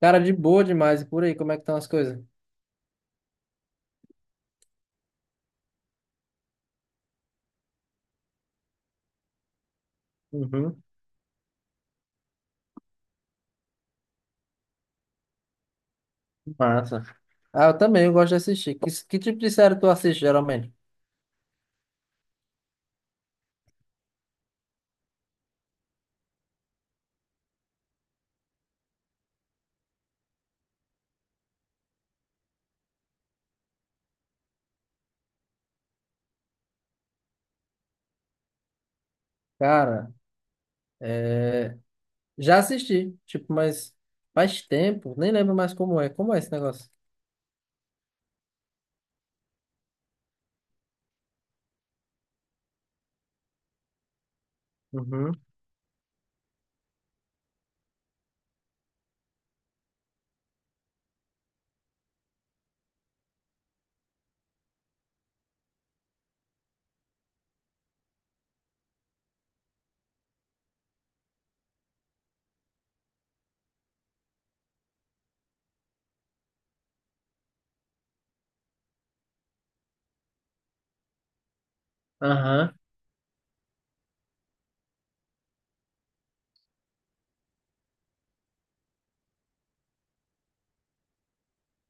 Cara, de boa demais. E por aí, como é que estão as coisas? Uhum, massa. Ah, eu também, eu gosto de assistir. Que tipo de série tu assiste, geralmente? Cara, já assisti, tipo, mas faz tempo, nem lembro mais como é. Como é esse negócio? Uhum, aham.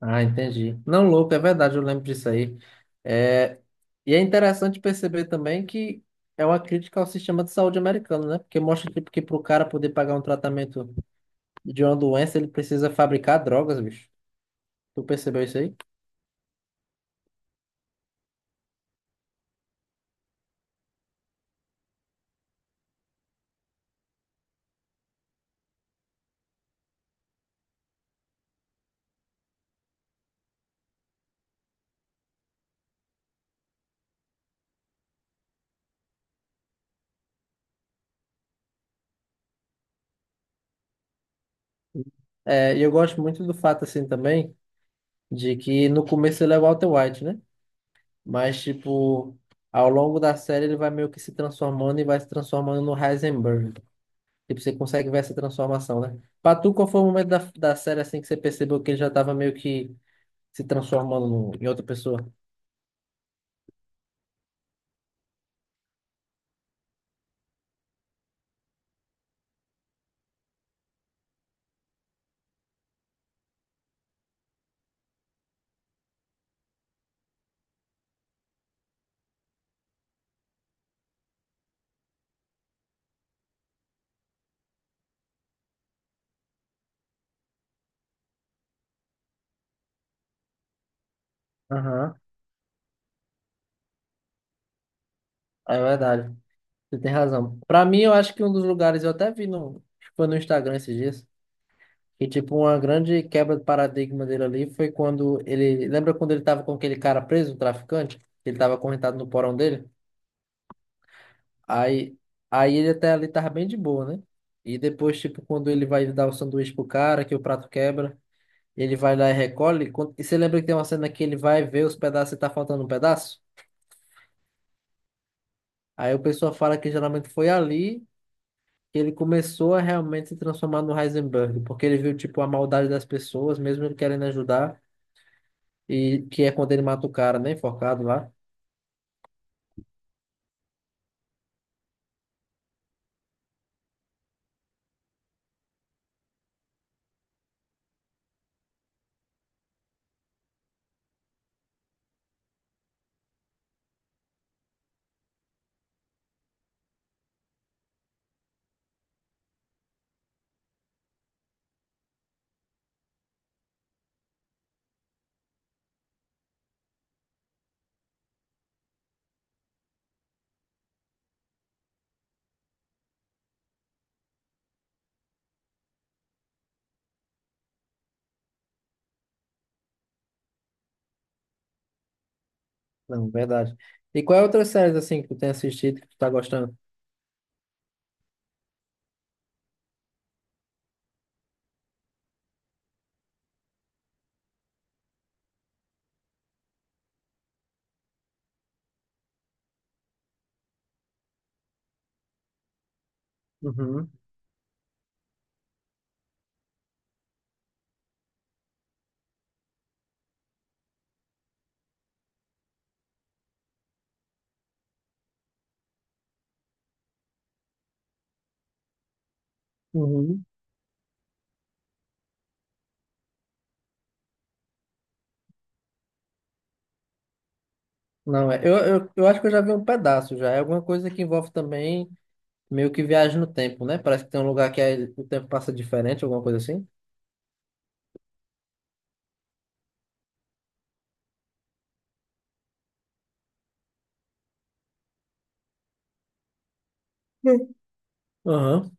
Ah, entendi. Não, louco, é verdade, eu lembro disso aí. É, e é interessante perceber também que é uma crítica ao sistema de saúde americano, né? Porque mostra tipo, que para o cara poder pagar um tratamento de uma doença, ele precisa fabricar drogas, bicho. Tu percebeu isso aí? É, e eu gosto muito do fato, assim, também, de que no começo ele é o Walter White, né? Mas, tipo, ao longo da série ele vai meio que se transformando e vai se transformando no Heisenberg. Tipo, você consegue ver essa transformação, né? Pra tu, qual foi o momento da série, assim, que você percebeu que ele já tava meio que se transformando no- em outra pessoa? Aham. É verdade. Você tem razão. Pra mim, eu acho que um dos lugares, eu até vi no, acho que foi no Instagram esses dias, e, tipo, uma grande quebra de paradigma dele ali foi quando ele. Lembra quando ele tava com aquele cara preso, o traficante? Ele tava acorrentado no porão dele? Aí, aí ele até ali tava bem de boa, né? E depois, tipo, quando ele vai dar o sanduíche pro cara, que o prato quebra, ele vai lá e recolhe. E quando- e você lembra que tem uma cena que ele vai ver os pedaços e tá faltando um pedaço? Aí o pessoal fala que geralmente foi ali que ele começou a realmente se transformar no Heisenberg, porque ele viu, tipo, a maldade das pessoas, mesmo ele querendo ajudar. E que é quando ele mata o cara, né? Enforcado lá. Não, verdade. E qual é a outra série assim que tu tem assistido que tu tá gostando? Uhum, uhum. Não, é. Eu acho que eu já vi um pedaço já. É alguma coisa que envolve também meio que viagem no tempo, né? Parece que tem um lugar que aí o tempo passa diferente, alguma coisa assim. Sim. Aham.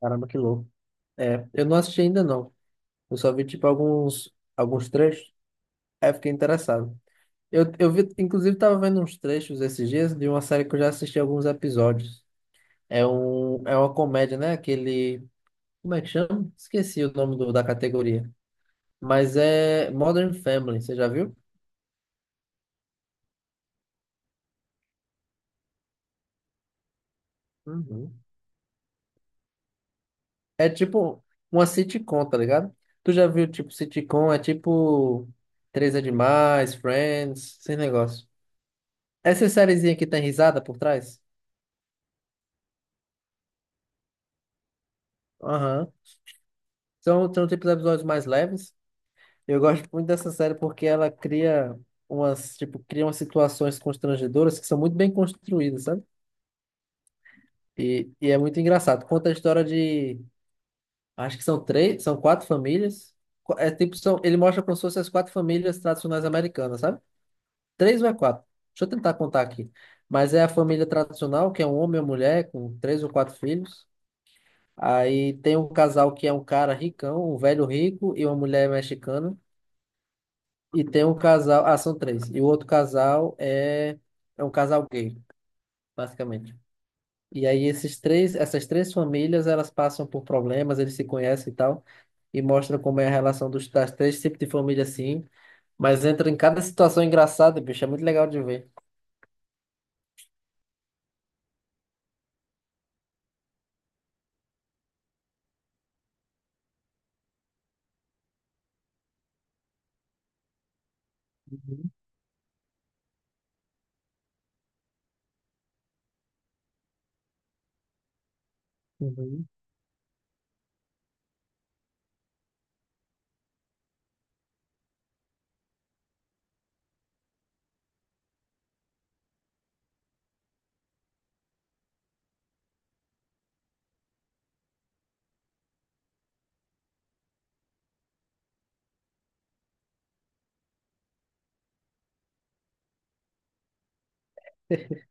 Caramba, que louco. É, eu não assisti ainda não. Eu só vi tipo alguns trechos. Aí eu fiquei interessado. Eu vi, inclusive, tava vendo uns trechos esses dias de uma série que eu já assisti alguns episódios. É, um, é uma comédia, né? Aquele. Como é que chama? Esqueci o nome do- da categoria. Mas é Modern Family, você já viu? Uhum. É tipo uma sitcom, tá ligado? Tu já viu, tipo, sitcom? É tipo Três é Demais, Friends, esse negócio. Essa sériezinha que tem risada por trás? Aham. São tipos de episódios mais leves. Eu gosto muito dessa série porque ela cria umas, tipo, cria umas situações constrangedoras que são muito bem construídas, sabe? E é muito engraçado. Conta a história de. Acho que são três, são quatro famílias. Qu- É tipo, são, ele mostra como se fossem as quatro famílias tradicionais americanas, sabe? Três ou é quatro? Deixa eu tentar contar aqui. Mas é a família tradicional, que é um homem e uma mulher, com três ou quatro filhos. Aí tem um casal que é um cara ricão, um velho rico e uma mulher mexicana. E tem um casal. Ah, são três. E o outro casal é um casal gay, basicamente. E aí essas três famílias, elas passam por problemas, eles se conhecem e tal, e mostra como é a relação dos, das três tipos de família assim, mas entra em cada situação engraçada, bicho, é muito legal de ver. Uhum, uhum,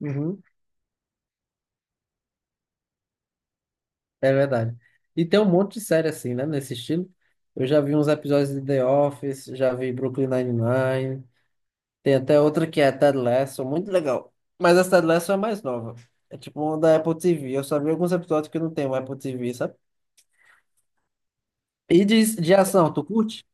uhum. É verdade. E tem um monte de série assim, né, nesse estilo. Eu já vi uns episódios de The Office, já vi Brooklyn Nine-Nine, tem até outra que é Ted Lasso, muito legal. Mas essa Ted Lasso é mais nova. É tipo uma da Apple TV. Eu só vi alguns episódios que não tem o Apple TV, sabe? E de ação, tu curte?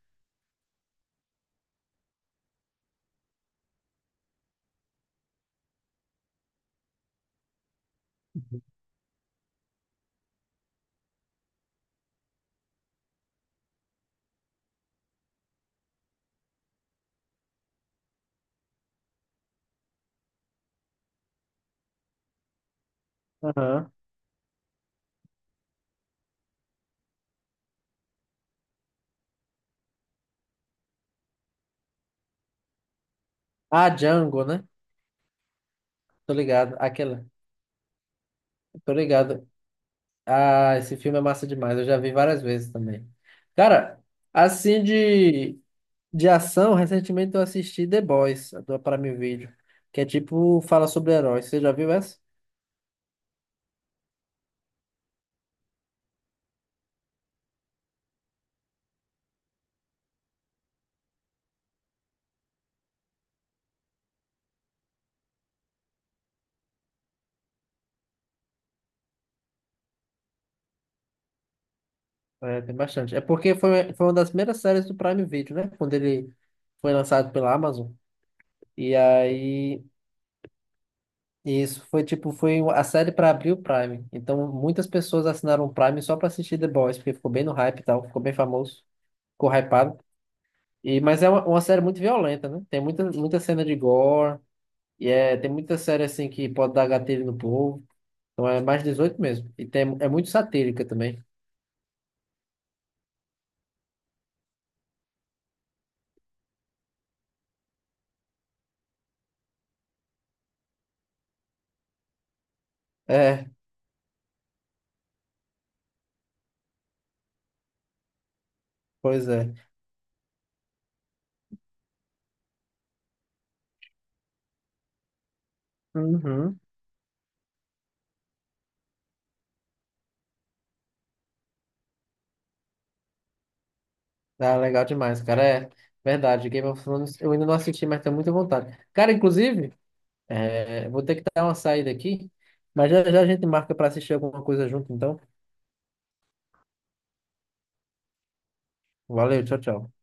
Aham. Ah, Django, né? Tô ligado. Aquela. Tô ligado. Ah, esse filme é massa demais. Eu já vi várias vezes também. Cara, assim de ação, recentemente eu assisti The Boys, do Prime Video, que é tipo, fala sobre heróis. Você já viu essa? É, tem bastante. É porque foi uma das primeiras séries do Prime Video, né? Quando ele foi lançado pela Amazon. E aí isso, foi tipo, foi a série para abrir o Prime. Então, muitas pessoas assinaram o Prime só para assistir The Boys, porque ficou bem no hype e tal, ficou bem famoso, ficou hypado. E, mas é uma série muito violenta, né? Tem muita, muita cena de gore, e é, tem muita série assim que pode dar gatilho no povo. Então é mais 18 mesmo. E tem, é muito satírica também. É, pois é. Uhum. Ah, legal demais, cara. É verdade. Game of Thrones eu ainda não assisti, mas tenho muita vontade. Cara, inclusive. É, vou ter que dar uma saída aqui, mas já já a gente marca para assistir alguma coisa junto, então. Valeu, tchau, tchau.